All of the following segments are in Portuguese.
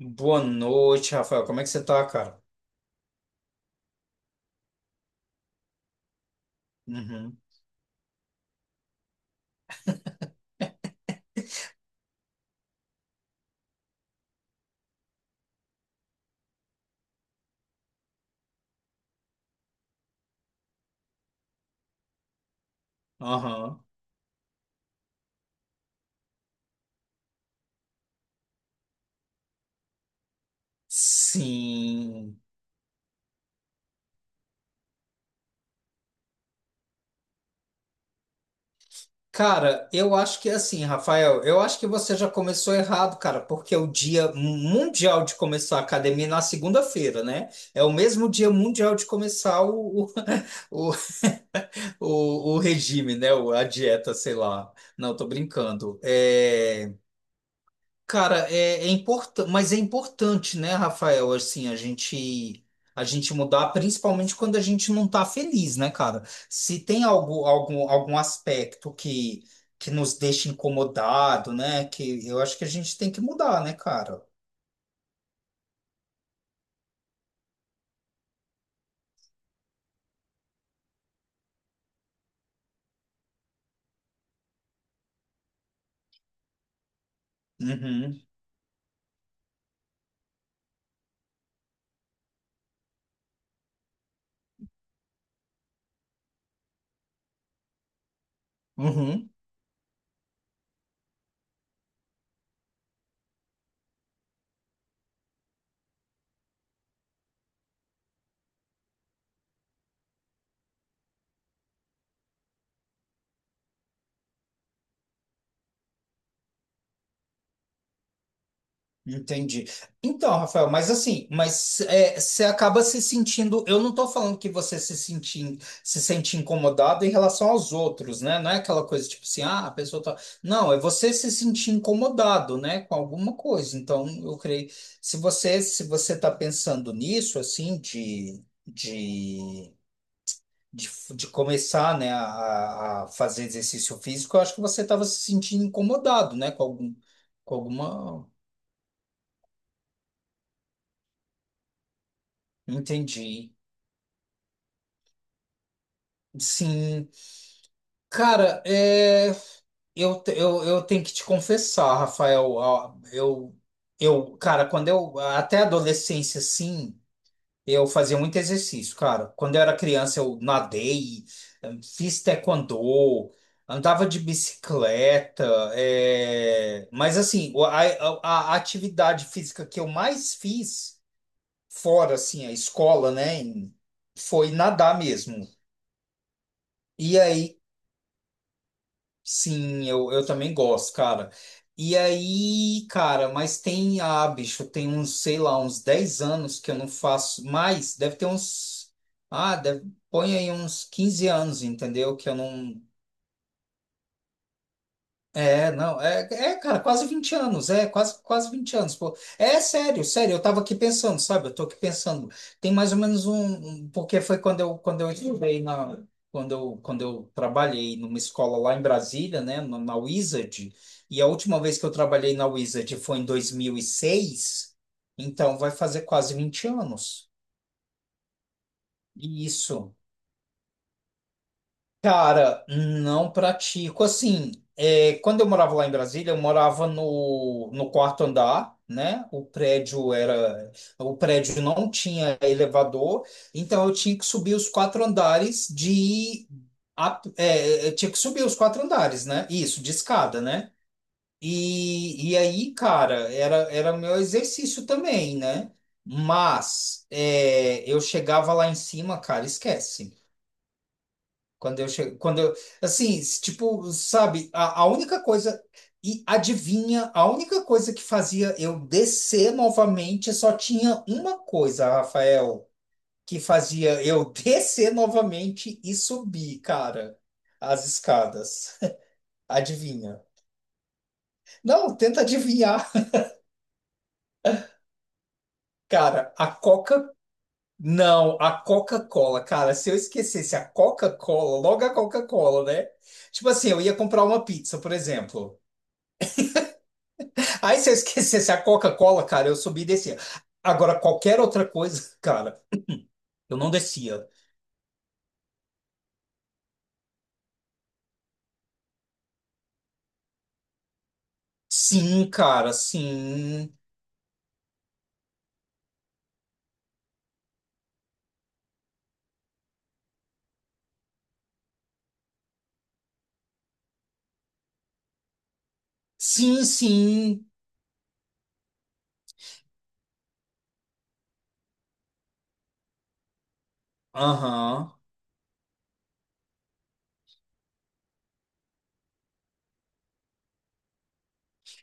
Boa noite, Rafael. Como é que você tá, cara? Uhum. Aham. Sim. Cara, eu acho que é assim, Rafael, eu acho que você já começou errado, cara, porque é o dia mundial de começar a academia é na segunda-feira, né? É o mesmo dia mundial de começar o, o regime, né? A dieta, sei lá. Não, tô brincando. É. Cara, é importante, mas é importante, né, Rafael, assim, a gente mudar, principalmente quando a gente não tá feliz, né, cara? Se tem algo, algum aspecto que nos deixa incomodado, né, que eu acho que a gente tem que mudar, né, cara? Uhum, uhum. Entendi. Então, Rafael, mas assim, mas é, você acaba se sentindo. Eu não estou falando que você se sente incomodado em relação aos outros, né? Não é aquela coisa tipo assim, ah, a pessoa tá. Não, é você se sentir incomodado, né, com alguma coisa. Então, eu creio. Se você está pensando nisso, assim, de, de, de começar, né, a fazer exercício físico, eu acho que você estava se sentindo incomodado, né, com algum, com alguma. Entendi. Sim. Cara, eu tenho que te confessar, Rafael. Ó, eu, cara, quando eu. Até a adolescência, sim, eu fazia muito exercício, cara. Quando eu era criança, eu nadei, fiz taekwondo, andava de bicicleta. Mas, assim, a atividade física que eu mais fiz, fora, assim, a escola, né, foi nadar mesmo. E aí, sim, eu também gosto, cara. E aí, cara, mas tem, bicho, tem uns, sei lá, uns 10 anos que eu não faço mais, deve ter uns, deve, põe aí uns 15 anos, entendeu? Que eu não, é, não, é, cara, quase 20 anos, quase 20 anos, pô. É sério, sério, eu tava aqui pensando, sabe? Eu tô aqui pensando. Tem mais ou menos um, porque foi quando eu estudei na, quando eu trabalhei numa escola lá em Brasília, né, na Wizard, e a última vez que eu trabalhei na Wizard foi em 2006. Então vai fazer quase 20 anos. Isso. Cara, não pratico assim. Quando eu morava lá em Brasília, eu morava no quarto andar, né? O prédio era, o prédio não tinha elevador, então eu tinha que subir os quatro andares de, eu tinha que subir os quatro andares, né? Isso, de escada, né? E aí, cara, era meu exercício também, né? Mas eu chegava lá em cima, cara, esquece. Quando eu chego, quando eu, assim, tipo, sabe, a única coisa, e adivinha, a única coisa que fazia eu descer novamente só tinha uma coisa, Rafael, que fazia eu descer novamente e subir, cara, as escadas. Adivinha? Não, tenta adivinhar. Cara, a Coca, não, a Coca-Cola, cara, se eu esquecesse a Coca-Cola, logo a Coca-Cola, né? Tipo assim, eu ia comprar uma pizza, por exemplo. Aí se eu esquecesse a Coca-Cola, cara, eu subia e descia. Agora, qualquer outra coisa, cara, eu não descia. Sim, cara, sim. Sim, sim. Aham.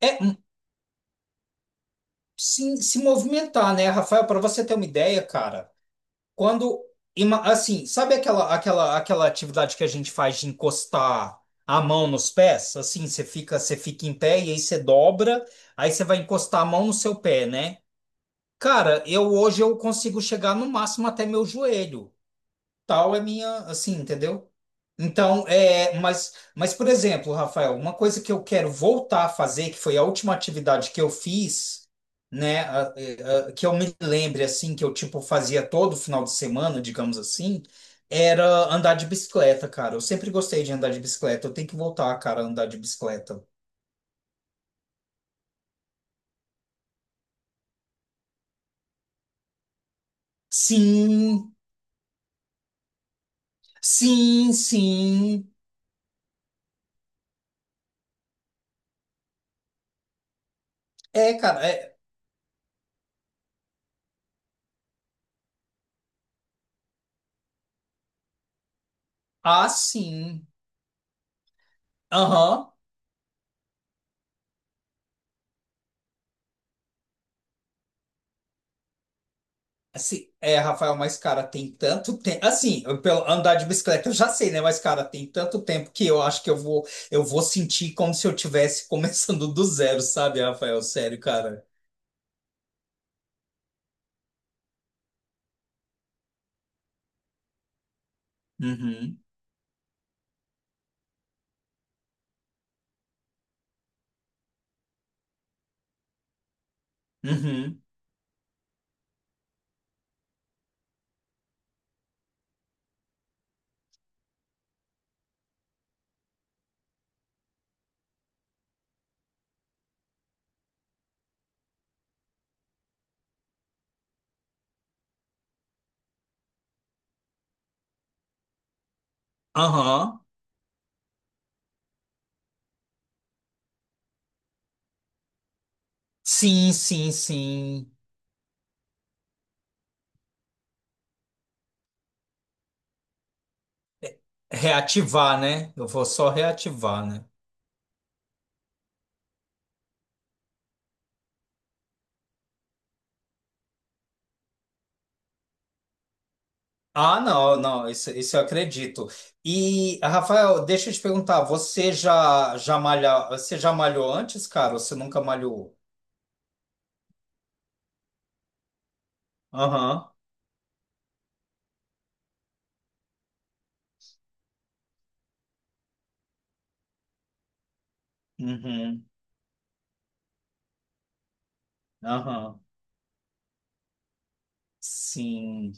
É, sim, se movimentar, né, Rafael? Para você ter uma ideia, cara, quando. Assim, sabe aquela atividade que a gente faz de encostar a mão nos pés? Assim, você fica em pé e aí você dobra, aí você vai encostar a mão no seu pé, né? Cara, eu hoje eu consigo chegar no máximo até meu joelho. Tal é minha, assim, entendeu? Então, mas por exemplo, Rafael, uma coisa que eu quero voltar a fazer, que foi a última atividade que eu fiz, né, que eu me lembre assim, que eu tipo fazia todo final de semana, digamos assim, era andar de bicicleta, cara. Eu sempre gostei de andar de bicicleta. Eu tenho que voltar, cara, a andar de bicicleta. Sim, sim, sim. É, cara, sim. Aham. Assim, Rafael, mas cara, tem tanto tempo. Assim, pelo andar de bicicleta eu já sei, né? Mas cara, tem tanto tempo que eu acho que eu vou sentir como se eu tivesse começando do zero, sabe, Rafael? Sério, cara. Uhum. Uhum. Aham. Sim, sim, sim. Reativar, né? Eu vou só reativar, né? Ah, não, não, isso eu acredito. E, Rafael, deixa eu te perguntar, você já, já malha, você já malhou antes, cara? Ou você nunca malhou? Aham. Uhum, aham. Sim,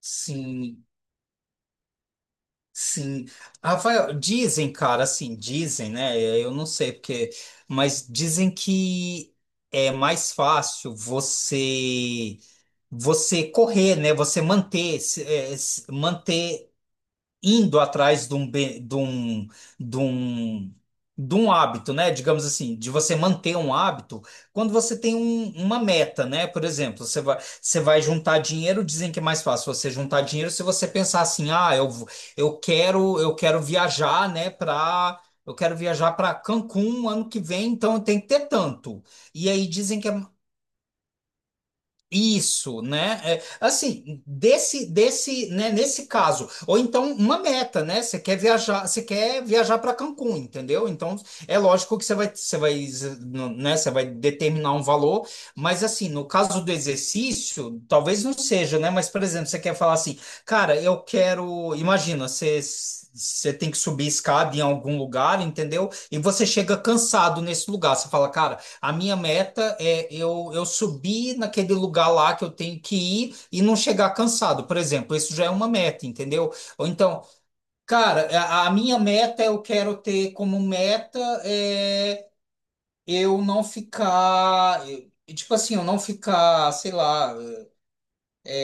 sim, sim. Rafael, dizem, cara, assim, dizem, né? Eu não sei porque, mas dizem que é mais fácil você correr, né? Você manter, manter indo atrás de um, be- de um, de um, de um hábito, né? Digamos assim, de você manter um hábito, quando você tem uma meta, né? Por exemplo, você vai juntar dinheiro, dizem que é mais fácil você juntar dinheiro se você pensar assim, eu quero viajar, né, para. Eu quero viajar para Cancún ano que vem, então eu tenho que ter tanto. E aí dizem que é isso, né? É, assim, desse, né, nesse caso, ou então uma meta, né? Você quer viajar para Cancún, entendeu? Então, é lógico que você vai, né? Você vai determinar um valor, mas assim, no caso do exercício, talvez não seja, né? Mas, por exemplo, você quer falar assim, cara, eu quero, imagina, Você tem que subir escada em algum lugar, entendeu? E você chega cansado nesse lugar. Você fala, cara, a minha meta é eu subir naquele lugar lá que eu tenho que ir e não chegar cansado, por exemplo. Isso já é uma meta, entendeu? Ou então, cara, a minha meta eu quero ter como meta é eu não ficar, tipo assim, eu não ficar, sei lá.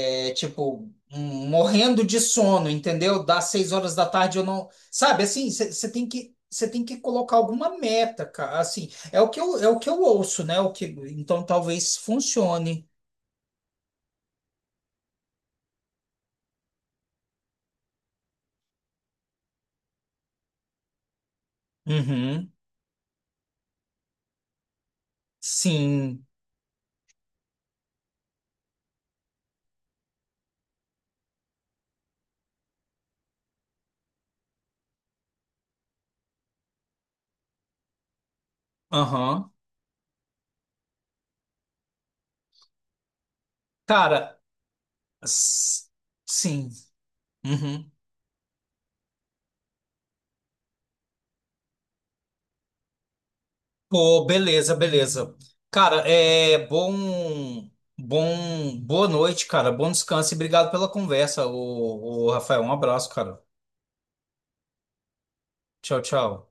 É tipo, morrendo de sono, entendeu? Das 6 horas da tarde eu não. Sabe, assim, você tem que. Você tem que colocar alguma meta, cara. Assim, é o que eu, é o que eu ouço, né? O que, então talvez funcione. Uhum. Sim. Aham. Cara, s- sim. Uhum. Pô, beleza, beleza. Cara, é bom, boa noite, cara. Bom descanso e obrigado pela conversa, o, Rafael. Um abraço, cara. Tchau, tchau.